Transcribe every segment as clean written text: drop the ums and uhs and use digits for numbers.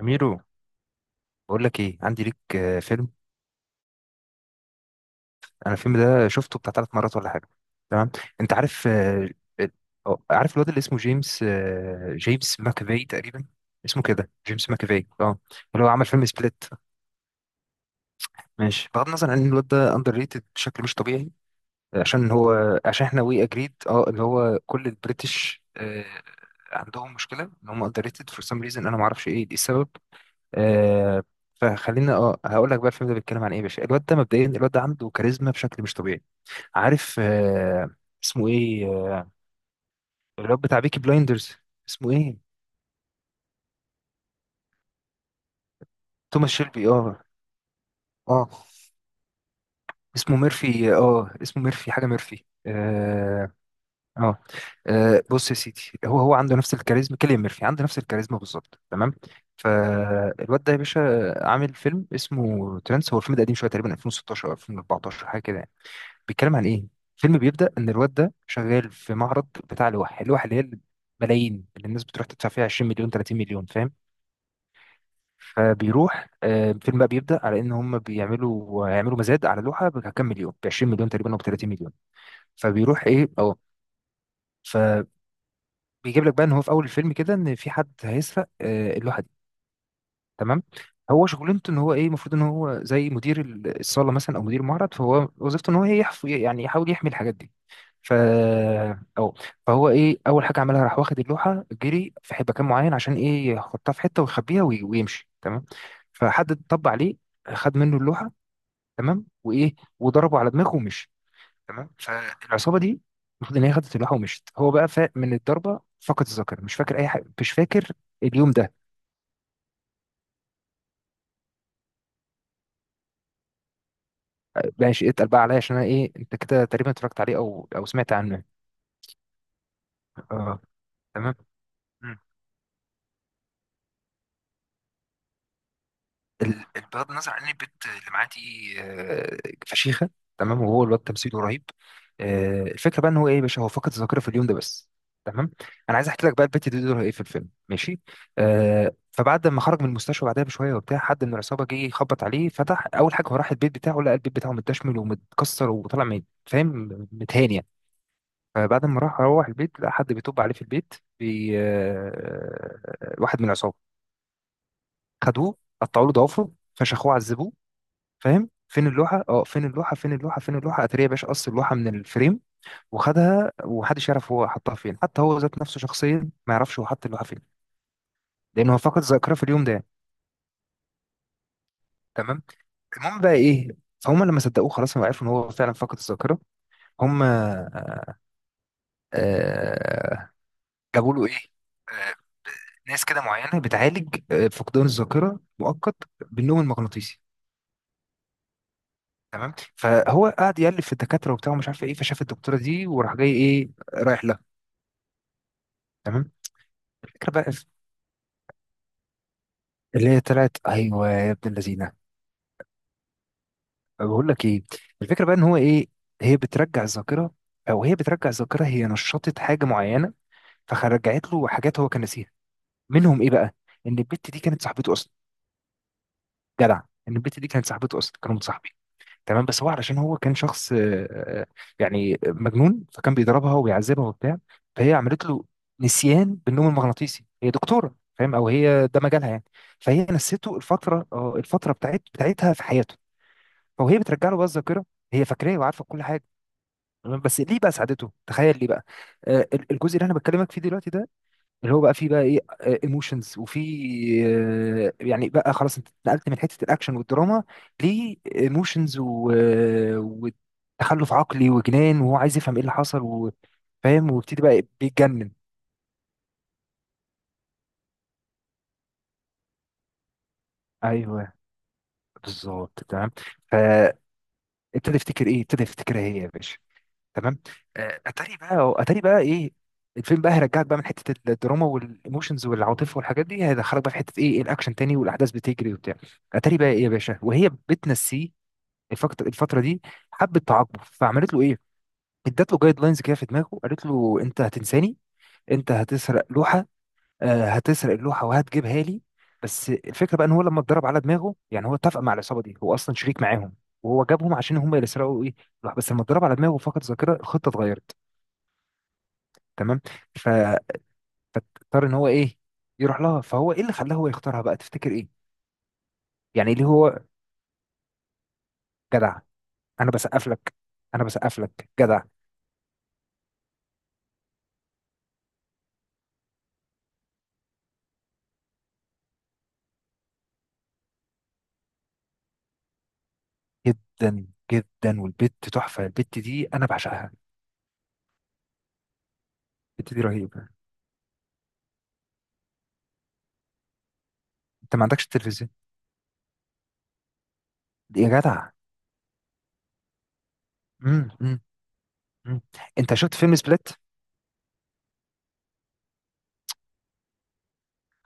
أميرو، بقول لك إيه، عندي ليك فيلم. أنا الفيلم ده شفته بتاع ثلاث مرات ولا حاجة. تمام. أنت عارف ال- عارف الواد اللي اسمه جيمس، جيمس ماكافي تقريبا. اسمه كده جيمس ماكافي اه. اللي هو عمل فيلم سبليت. ماشي. بغض النظر عن ان الواد ده اندر ريتد بشكل مش طبيعي. عشان احنا وي اجريد اللي هو كل البريتش، عندهم مشكله ان هم اندر ريتد فور سام ريزن. انا ما اعرفش ايه دي السبب. آه فخلينا هقول لك بقى الفيلم ده بيتكلم عن ايه يا باشا. الواد ده مبدئيا، الواد ده عنده كاريزما بشكل مش طبيعي. عارف اسمه ايه الواد بتاع بيكي بلايندرز. اسمه ايه؟ توماس شيلبي اه. اه، اسمه ميرفي اه، اسمه ميرفي، حاجه ميرفي، اه اه. بص يا سيدي، هو عنده نفس الكاريزما، كيليان ميرفي عنده نفس الكاريزما بالظبط. تمام. فالواد ده يا باشا عامل فيلم اسمه ترانس. هو الفيلم ده قديم شويه، تقريبا 2016 او 2014، حاجه كده يعني. بيتكلم عن ايه؟ الفيلم بيبدأ ان الواد ده شغال في معرض بتاع اللوح اللي هي ملايين، اللي الناس بتروح تدفع فيها 20 مليون، 30 مليون، فاهم. فبيروح، الفيلم بقى بيبدأ على ان هم يعملوا مزاد على لوحة بكام مليون، ب 20 مليون تقريبا او ب 30 مليون. فبيروح ايه اه فبيجيب لك بقى ان هو في اول الفيلم كده ان في حد هيسرق، اللوحة. تمام. هو شغلانته ان هو ايه، المفروض ان هو زي مدير الصاله مثلا او مدير المعرض. فهو وظيفته ان هو ايه، يعني يحاول يحمي الحاجات دي. ف او فهو ايه، اول حاجه عملها راح واخد اللوحه جري في مكان معين، عشان ايه، يحطها في حته ويخبيها ويمشي. تمام. فحد طب عليه، خد منه اللوحه. تمام وايه، وضربه على دماغه ومشي. تمام. فالعصابه دي المفروض ان هي خدت اللوحه ومشت. هو بقى فاق من الضربه، فقد الذاكره، مش فاكر اي حاجه، مش فاكر اليوم ده. ماشي. اتقل بقى عليا، عشان انا ايه، انت كده تقريبا اتفرجت عليه او سمعت عنه. اه. تمام. مم. بغض النظر عن إن البت اللي معاه دي، فشيخه. تمام. وهو الواد تمثيله رهيب. الفكره بقى ان هو ايه يا باشا، هو فقد الذاكره في اليوم ده بس. تمام. انا عايز احكي لك بقى البت دي دورها ايه في الفيلم. ماشي. فبعد ما خرج من المستشفى بعدها بشويه وبتاع، حد من العصابه جه يخبط عليه فتح. اول حاجه هو راح البيت بتاعه، لقى البيت بتاعه متدشمل ومتكسر وطالع فاهم، متهاني يعني. فبعد ما راح روح البيت لقى حد بيطب عليه في البيت، بي... آه، واحد من العصابه. خدوه، قطعوا له ضوافره، فشخوه، عذبوه، فاهم، فين اللوحه، اه فين اللوحه، فين اللوحه، فين اللوحه. اتاري يا باشا، قص اللوحه من الفريم وخدها. ومحدش يعرف هو حطها فين، حتى هو ذات نفسه شخصيا ما يعرفش هو حط اللوحه فين، لان هو فقد الذاكره في اليوم ده. تمام. المهم بقى ايه، فهم لما صدقوه خلاص هم عرفوا ان هو فعلا فقد الذاكره. هم آه، جابوا له ايه، آه، ناس كده معينه بتعالج فقدان الذاكره مؤقت بالنوم المغناطيسي. تمام. فهو قعد يألف في الدكاتره وبتاع ومش عارف ايه، فشاف الدكتوره دي وراح جاي ايه رايح لها. تمام. الفكره بقى اللي هي طلعت، ايوه يا ابن اللذينه. بقول لك ايه، الفكره بقى ان هو ايه، هي بترجع الذاكره، او هي بترجع الذاكره، هي نشطت حاجه معينه فرجعت له حاجات هو كان ناسيها. منهم ايه بقى، ان البت دي كانت صاحبته اصلا. جدع. ان البت دي كانت صاحبته اصلا، كانوا متصاحبين. تمام. بس هو علشان هو كان شخص آه، يعني مجنون، فكان بيضربها وبيعذبها وبتاع. فهي عملت له نسيان بالنوم المغناطيسي، هي دكتوره فاهم، او هي ده مجالها يعني. فهي نسيته الفتره بتاعتها في حياته. فهي بترجع له بقى الذاكره، هي فاكراه وعارفه كل حاجه. تمام. بس ليه بقى ساعدته؟ تخيل، ليه بقى؟ الجزء اللي انا بكلمك فيه دلوقتي ده، اللي هو بقى فيه بقى ايه، ايموشنز وفي يعني، بقى خلاص انت اتنقلت من حته الاكشن والدراما لايموشنز وتخلف عقلي وجنان، وهو عايز يفهم ايه اللي حصل وفاهم ويبتدي بقى بيتجنن. ايوه بالظبط. تمام. فابتدى يفتكر ايه، ابتدى يفتكرها هي يا باشا. تمام. اتاري بقى ايه، الفيلم بقى هيرجعك بقى من حته الدراما والايموشنز والعاطفه والحاجات دي، هيدخلك بقى في حته ايه، الاكشن تاني والاحداث بتجري وبتاع. اتاري بقى ايه يا باشا، وهي بتنسيه الفتره دي، حبت تعاقبه فعملت له ايه، ادت له جايد لاينز كده في دماغه، قالت له انت هتنساني، انت هتسرق لوحه، هتسرق اللوحه وهتجيبها لي. بس الفكره بقى ان هو لما اتضرب على دماغه، يعني هو اتفق مع العصابه دي، هو اصلا شريك معاهم، وهو جابهم عشان هم اللي سرقوا ايه، اللوحه. بس لما اتضرب على دماغه فقد ذاكره، الخطه اتغيرت. تمام. فاضطر ان هو ايه يروح لها. فهو ايه اللي خلاه هو يختارها بقى، تفتكر ايه؟ يعني ليه هو؟ جدع، انا بسقف لك، انا بسقف لك جدع. جدا جدا. والبت تحفه، البت دي انا بعشقها، البت دي رهيبه. انت ما عندكش التلفزيون دي يا جدع؟ مم. مم. مم. انت شفت فيلم سبليت.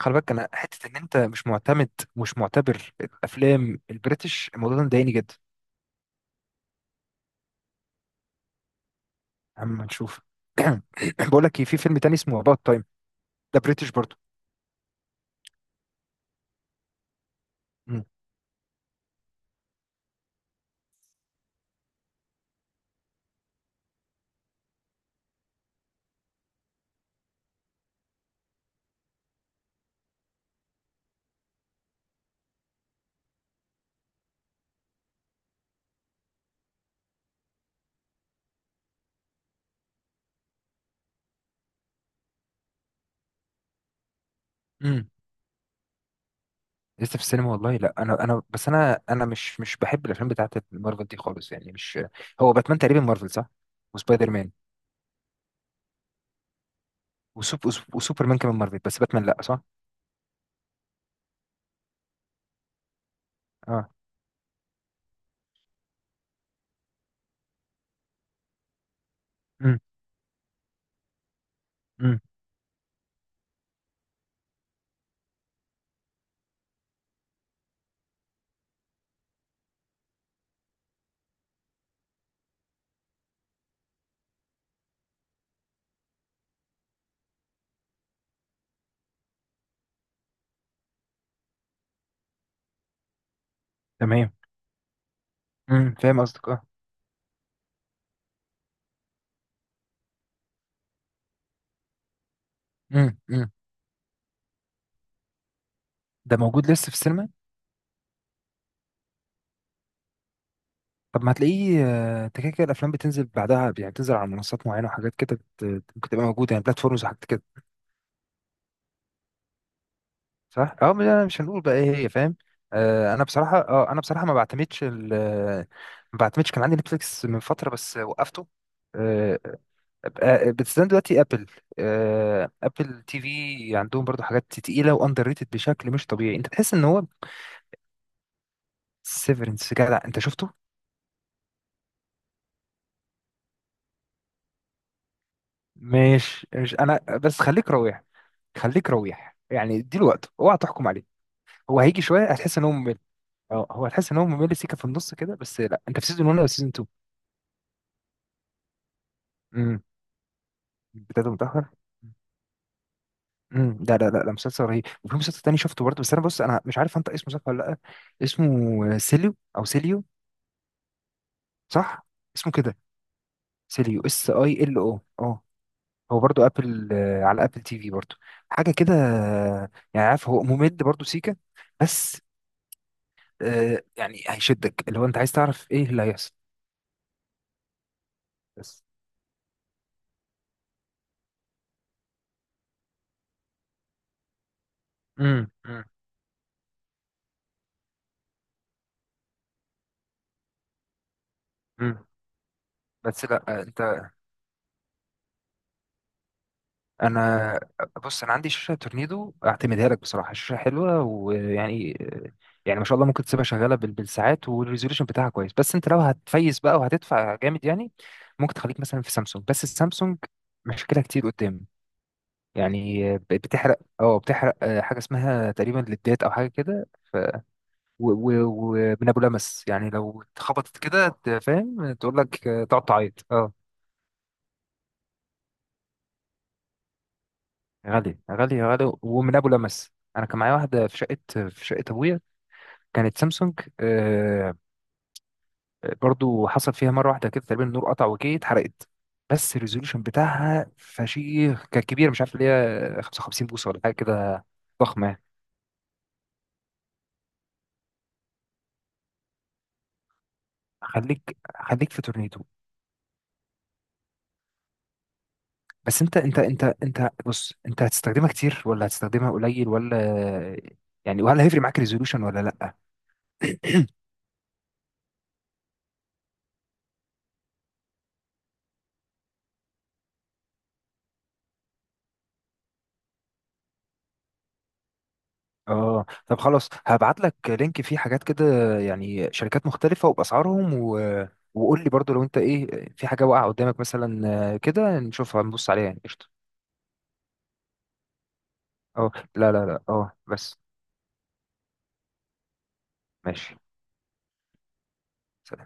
خلي بالك، انا حته ان انت مش معتمد، مش معتبر الافلام البريتش، الموضوع ده مضايقني جدا. اما نشوف. بقول لك إيه، في فيلم تاني اسمه اباوت تايم، ده بريتش برضه. مم. مم. لسه في السينما والله. لا، انا بس، انا مش بحب الافلام بتاعت مارفل دي خالص، يعني مش. هو باتمان تقريبا مارفل، صح؟ وسبايدر مان وسوبرمان كمان مارفل، بس باتمان لا، صح؟ اه. امم. امم. تمام. امم. فاهم قصدك، اه. امم. امم. ده موجود لسه في السينما. طب ما هتلاقيه، انت كده كده الافلام بتنزل بعدها يعني، بتنزل على منصات معينه وحاجات كده ممكن تبقى موجوده يعني، بلاتفورمز وحاجات كده، صح. اه، ما انا مش هنقول بقى ايه هي، فاهم. انا بصراحه انا بصراحه ما بعتمدش ما بعتمدش. كان عندي نتفليكس من فتره بس وقفته. بتستخدم دلوقتي ابل، ابل تي في، عندهم برضو حاجات تقيله واندر ريتد بشكل مش طبيعي، انت تحس ان هو. سيفرنس، جدع، انت شفته؟ مش مش انا بس خليك رويح، خليك رويح يعني اديله وقت، اوعى تحكم عليه. هو هيجي شويه هتحس ان هو ممل، اه، هو هتحس ان هو ممل، سيكه في النص كده بس. لا انت في سيزون 1 ولا سيزون 2؟ امم. بدايته متاخر. امم. لا لا لا لا، مسلسل رهيب. وفي مسلسل تاني شفته برضه، بس انا بص انا مش عارف انت اسمه صح ولا لا. اسمه سيليو او سيليو، صح؟ اسمه كده، سيليو، SILO، اه. هو برضو ابل، على ابل تي في برضو، حاجه كده. يعني عارف، هو ممل برضو سيكا بس. يعني هيشدك اللي هو انت عايز تعرف ايه اللي هيحصل. بس امم امم امم بس لا. انت. انا بص انا عندي شاشه تورنيدو، اعتمدها لك بصراحه، شاشه حلوه ويعني، يعني ما شاء الله، ممكن تسيبها شغاله بالساعات، والريزوليوشن بتاعها كويس. بس انت لو هتفيز بقى وهتدفع جامد يعني، ممكن تخليك مثلا في سامسونج. بس السامسونج مشكله كتير قدام، يعني بتحرق، بتحرق حاجه اسمها تقريبا ليدات او حاجه كده. ف ومن ابو لمس يعني لو اتخبطت كده فاهم، تقول لك تقعد تعيط. اه. غالي غالي غالي. ومن ابو لمس، انا كان معايا واحده في شقه، في شقه ابويا، كانت سامسونج، برضو حصل فيها مره واحده كده، تقريبا النور قطع وكده اتحرقت. بس الريزوليوشن بتاعها فشيخ، كان كبير، مش عارف اللي هي 55 بوصه ولا حاجه كده، ضخمه يعني. خليك خليك في تورنيدو. بس انت انت انت انت بص، انت هتستخدمها كتير ولا هتستخدمها قليل، ولا يعني، وهل هيفرق معاك ريزولوشن ولا لا. اه، طب خلاص، هبعت لك لينك فيه حاجات كده، يعني شركات مختلفة وبأسعارهم و... وقول لي برضو لو انت ايه، في حاجة واقعة قدامك مثلا، كده نشوفها نبص عليها يعني، قشطة. اه. لا لا لا. اه بس. ماشي، سلام.